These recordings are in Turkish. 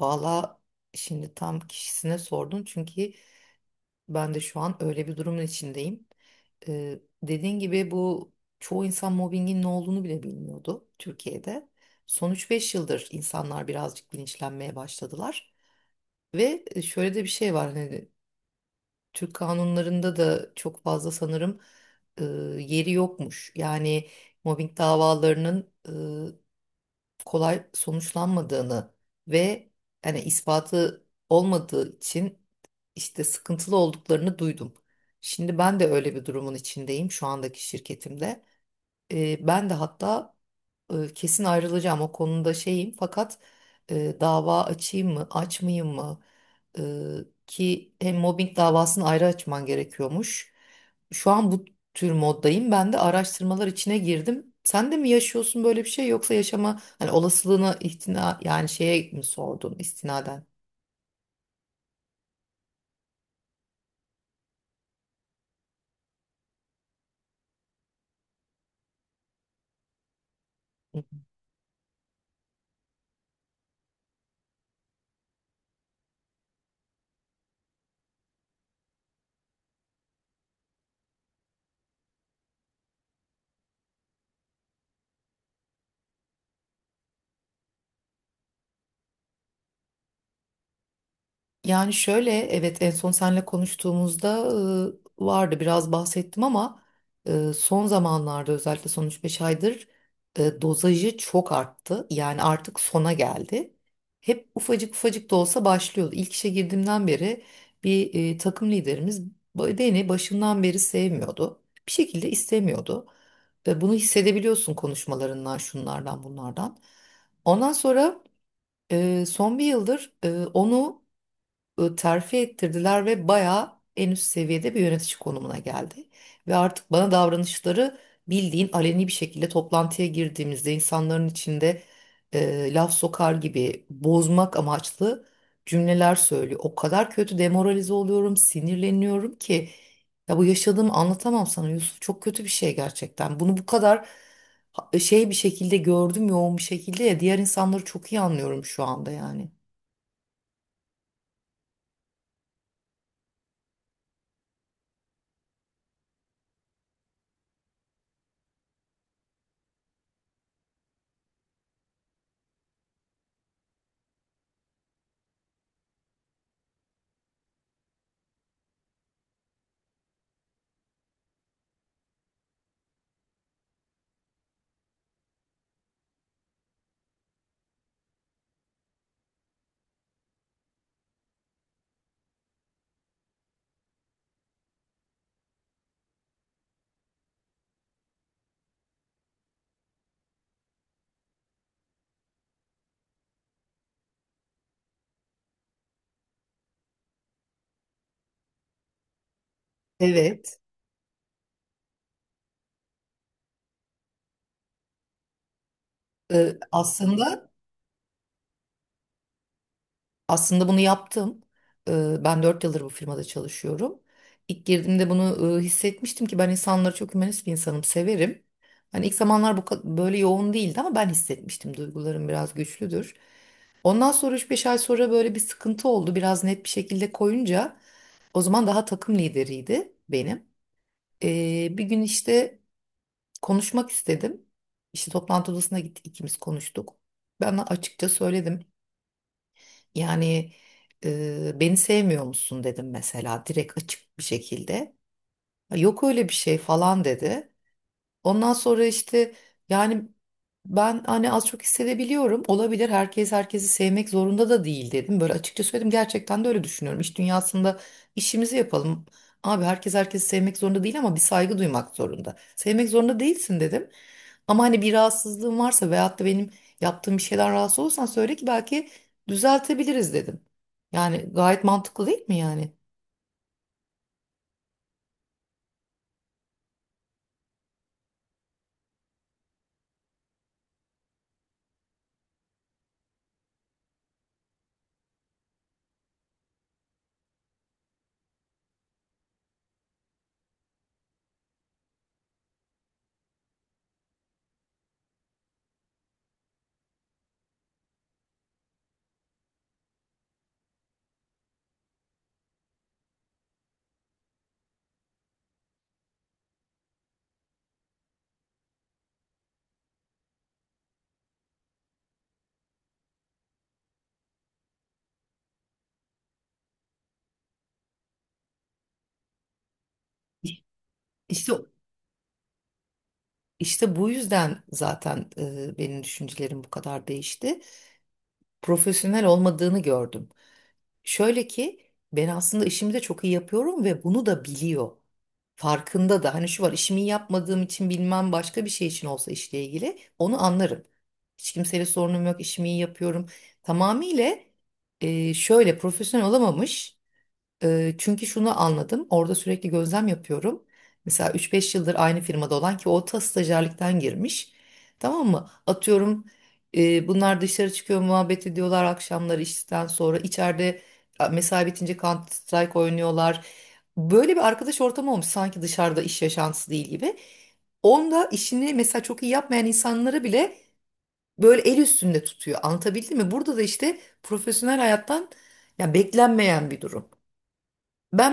Valla şimdi tam kişisine sordun çünkü ben de şu an öyle bir durumun içindeyim. Dediğin gibi çoğu insan mobbingin ne olduğunu bile bilmiyordu Türkiye'de. Son 3-5 yıldır insanlar birazcık bilinçlenmeye başladılar. Ve şöyle de bir şey var, hani Türk kanunlarında da çok fazla sanırım e, yeri yokmuş. Yani mobbing davalarının kolay sonuçlanmadığını ve hani ispatı olmadığı için işte sıkıntılı olduklarını duydum. Şimdi ben de öyle bir durumun içindeyim şu andaki şirketimde. Ben de hatta kesin ayrılacağım o konuda şeyim, fakat dava açayım mı açmayayım mı? E, Ki hem mobbing davasını ayrı açman gerekiyormuş. Şu an bu tür moddayım, ben de araştırmalar içine girdim. Sen de mi yaşıyorsun böyle bir şey, yoksa yaşama hani olasılığına ihtina yani şeye mi sordun istinaden? Yani şöyle, evet, en son seninle konuştuğumuzda vardı, biraz bahsettim, ama son zamanlarda özellikle son üç beş aydır dozajı çok arttı. Yani artık sona geldi. Hep ufacık ufacık da olsa başlıyordu. İlk işe girdiğimden beri bir takım liderimiz beni başından beri sevmiyordu. Bir şekilde istemiyordu. Bunu hissedebiliyorsun konuşmalarından, şunlardan, bunlardan. Ondan sonra son bir yıldır onu terfi ettirdiler ve bayağı en üst seviyede bir yönetici konumuna geldi. Ve artık bana davranışları bildiğin aleni bir şekilde, toplantıya girdiğimizde insanların içinde laf sokar gibi, bozmak amaçlı cümleler söylüyor. O kadar kötü demoralize oluyorum, sinirleniyorum ki ya bu yaşadığımı anlatamam sana Yusuf. Çok kötü bir şey gerçekten. Bunu bu kadar şey bir şekilde gördüm, yoğun bir şekilde, ya diğer insanları çok iyi anlıyorum şu anda yani. Evet, e, aslında Aslında bunu yaptım. Ben 4 yıldır bu firmada çalışıyorum. İlk girdiğimde bunu hissetmiştim ki ben insanları çok, hümanist bir insanım, severim. Hani ilk zamanlar böyle yoğun değildi ama ben hissetmiştim. Duygularım biraz güçlüdür. Ondan sonra üç beş ay sonra böyle bir sıkıntı oldu. Biraz net bir şekilde koyunca, o zaman daha takım lideriydi benim. Bir gün işte konuşmak istedim. İşte toplantı odasına gittik, ikimiz konuştuk. Ben açıkça söyledim. Yani beni sevmiyor musun dedim mesela, direkt açık bir şekilde. "Ya, yok öyle bir şey falan" dedi. Ondan sonra işte, yani ben hani az çok hissedebiliyorum. Olabilir, herkes herkesi sevmek zorunda da değil dedim. Böyle açıkça söyledim, gerçekten de öyle düşünüyorum. İş dünyasında işimizi yapalım. Abi herkes herkesi sevmek zorunda değil ama bir saygı duymak zorunda. Sevmek zorunda değilsin dedim. Ama hani bir rahatsızlığın varsa veyahut da benim yaptığım bir şeyden rahatsız olursan söyle ki belki düzeltebiliriz dedim. Yani gayet mantıklı değil mi yani? İş- İşte işte bu yüzden zaten benim düşüncelerim bu kadar değişti. Profesyonel olmadığını gördüm. Şöyle ki, ben aslında işimi de çok iyi yapıyorum ve bunu da biliyor. Farkında da. Hani şu var, işimi iyi yapmadığım için bilmem başka bir şey için olsa, işle ilgili onu anlarım. Hiç kimseyle sorunum yok, işimi iyi yapıyorum. Tamamıyla şöyle profesyonel olamamış. Çünkü şunu anladım, orada sürekli gözlem yapıyorum. Mesela 3-5 yıldır aynı firmada olan, ki o ta stajyerlikten girmiş. Tamam mı? Atıyorum, bunlar dışarı çıkıyor, muhabbet ediyorlar akşamları işten sonra. İçeride mesai bitince Counter Strike oynuyorlar. Böyle bir arkadaş ortamı olmuş, sanki dışarıda iş yaşantısı değil gibi. Onda işini mesela çok iyi yapmayan insanları bile böyle el üstünde tutuyor. Anlatabildim mi? Burada da işte profesyonel hayattan ya beklenmeyen bir durum. Ben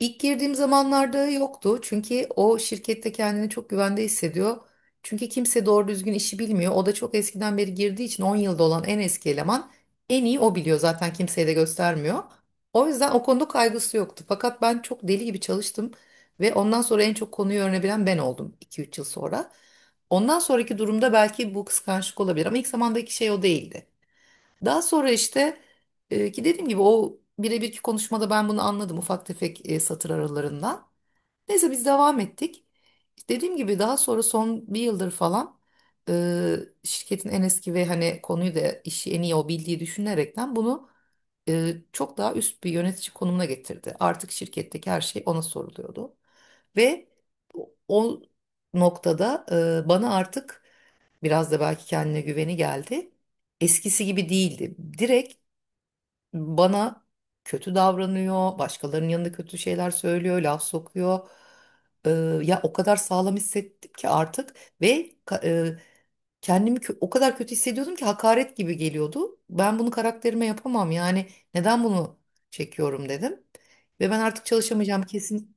İlk girdiğim zamanlarda yoktu çünkü o şirkette kendini çok güvende hissediyor. Çünkü kimse doğru düzgün işi bilmiyor. O da çok eskiden beri girdiği için, 10 yılda olan en eski eleman, en iyi o biliyor zaten, kimseye de göstermiyor. O yüzden o konuda kaygısı yoktu. Fakat ben çok deli gibi çalıştım ve ondan sonra en çok konuyu öğrenebilen ben oldum iki üç yıl sonra. Ondan sonraki durumda belki bu kıskançlık olabilir ama ilk zamandaki şey o değildi. Daha sonra işte ki dediğim gibi o birebirki konuşmada ben bunu anladım, ufak tefek satır aralarından. Neyse, biz devam ettik. Dediğim gibi daha sonra son bir yıldır falan e, şirketin en eski ve hani konuyu da işi en iyi o bildiği düşünerekten bunu çok daha üst bir yönetici konumuna getirdi. Artık şirketteki her şey ona soruluyordu. Ve o noktada bana artık biraz da belki kendine güveni geldi. Eskisi gibi değildi. Direkt bana kötü davranıyor, başkalarının yanında kötü şeyler söylüyor, laf sokuyor. Ee, Ya o kadar sağlam hissettim ki artık, ve kendimi o kadar kötü hissediyordum ki hakaret gibi geliyordu. Ben bunu karakterime yapamam yani, neden bunu çekiyorum dedim. Ve ben artık çalışamayacağım kesin.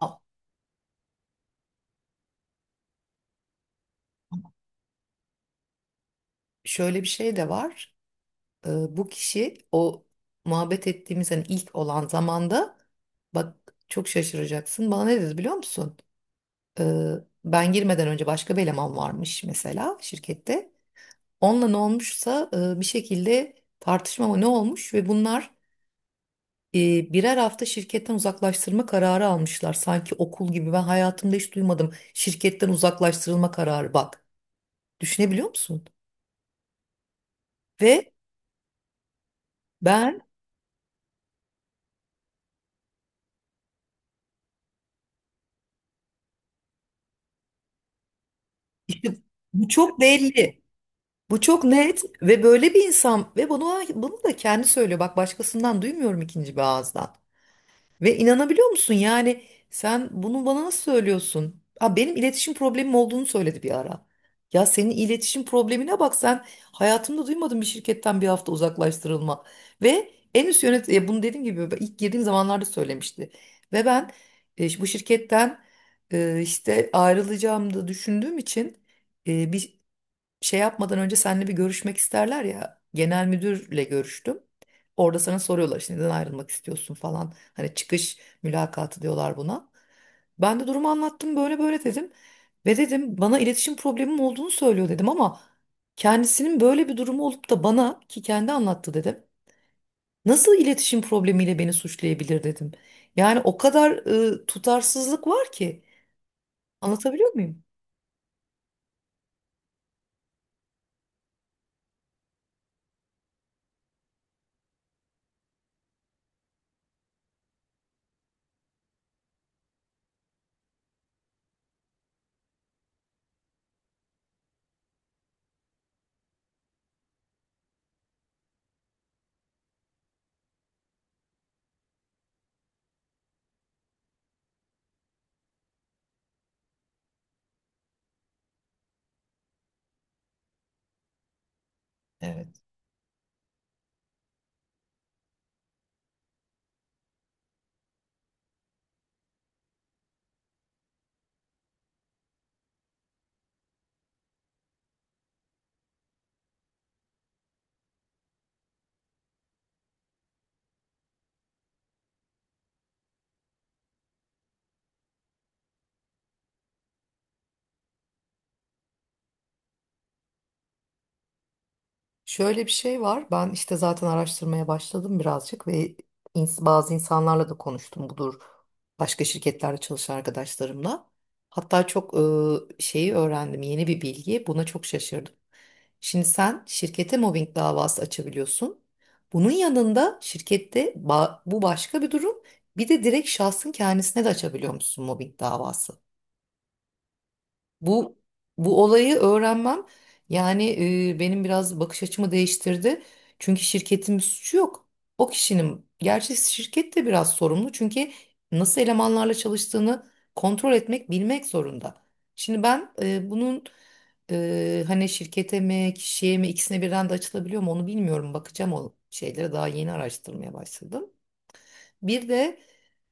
Aa, Şöyle bir şey de var. Bu kişi o muhabbet ettiğimiz hani ilk olan zamanda, bak çok şaşıracaksın, bana ne dedi biliyor musun? E, Ben girmeden önce başka bir eleman varmış mesela şirkette. Onunla ne olmuşsa bir şekilde tartışma mı ne olmuş, ve bunlar birer hafta şirketten uzaklaştırma kararı almışlar. Sanki okul gibi, ben hayatımda hiç duymadım şirketten uzaklaştırılma kararı, bak. Düşünebiliyor musun? Ve ben işte, bu çok belli. Bu çok net ve böyle bir insan, ve bunu da kendi söylüyor. Bak, başkasından duymuyorum ikinci bir ağızdan. Ve inanabiliyor musun yani, sen bunu bana nasıl söylüyorsun? Ha, benim iletişim problemim olduğunu söyledi bir ara. Ya senin iletişim problemine bak sen, hayatımda duymadım bir şirketten bir hafta uzaklaştırılma. Ve en üst bunu dediğim gibi ben ilk girdiğim zamanlarda söylemişti. Ve ben bu şirketten işte ayrılacağımı da düşündüğüm için e, bir şey yapmadan önce seninle bir görüşmek isterler ya. Genel müdürle görüştüm. Orada sana soruyorlar işte neden ayrılmak istiyorsun falan. Hani çıkış mülakatı diyorlar buna. Ben de durumu anlattım, böyle böyle dedim. Ve dedim, bana iletişim problemim olduğunu söylüyor dedim, ama kendisinin böyle bir durumu olup da bana, ki kendi anlattı dedim. Nasıl iletişim problemiyle beni suçlayabilir dedim. Yani o kadar tutarsızlık var ki, anlatabiliyor muyum? Şöyle bir şey var. Ben işte zaten araştırmaya başladım birazcık, ve bazı insanlarla da konuştum. Budur, başka şirketlerde çalışan arkadaşlarımla. Hatta çok şeyi öğrendim. Yeni bir bilgi, buna çok şaşırdım. Şimdi sen şirkete mobbing davası açabiliyorsun. Bunun yanında şirkette bu başka bir durum. Bir de direkt şahsın kendisine de açabiliyor musun mobbing davası? Bu bu olayı öğrenmem, yani benim biraz bakış açımı değiştirdi. Çünkü şirketin bir suçu yok. O kişinin, gerçi şirket de biraz sorumlu çünkü nasıl elemanlarla çalıştığını kontrol etmek, bilmek zorunda. Şimdi ben bunun hani şirkete mi kişiye mi ikisine birden de açılabiliyor mu onu bilmiyorum. Bakacağım o şeylere, daha yeni araştırmaya başladım. Bir de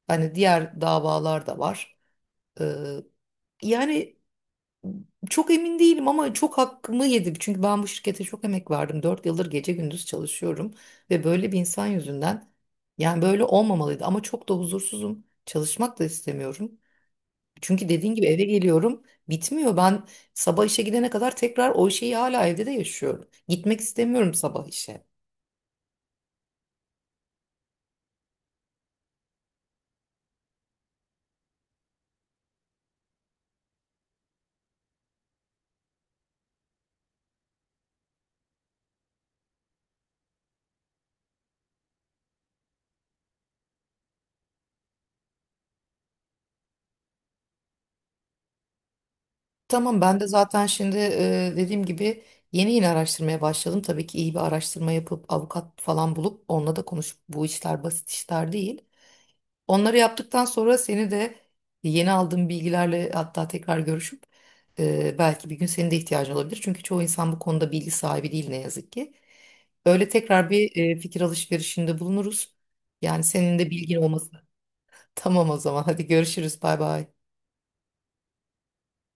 hani diğer davalar da var. E, Yani çok emin değilim, ama çok hakkımı yedi. Çünkü ben bu şirkete çok emek verdim, 4 yıldır gece gündüz çalışıyorum ve böyle bir insan yüzünden, yani böyle olmamalıydı ama çok da huzursuzum. Çalışmak da istemiyorum. Çünkü dediğin gibi eve geliyorum, bitmiyor. Ben sabah işe gidene kadar tekrar o şeyi hala evde de yaşıyorum. Gitmek istemiyorum sabah işe. Tamam, ben de zaten şimdi dediğim gibi yeni yeni araştırmaya başladım. Tabii ki iyi bir araştırma yapıp avukat falan bulup onunla da konuşup, bu işler basit işler değil. Onları yaptıktan sonra seni de yeni aldığım bilgilerle hatta tekrar görüşüp, belki bir gün senin de ihtiyacın olabilir. Çünkü çoğu insan bu konuda bilgi sahibi değil ne yazık ki. Böyle tekrar bir fikir alışverişinde bulunuruz. Yani senin de bilgin olması. Tamam o zaman, hadi görüşürüz, bay bay.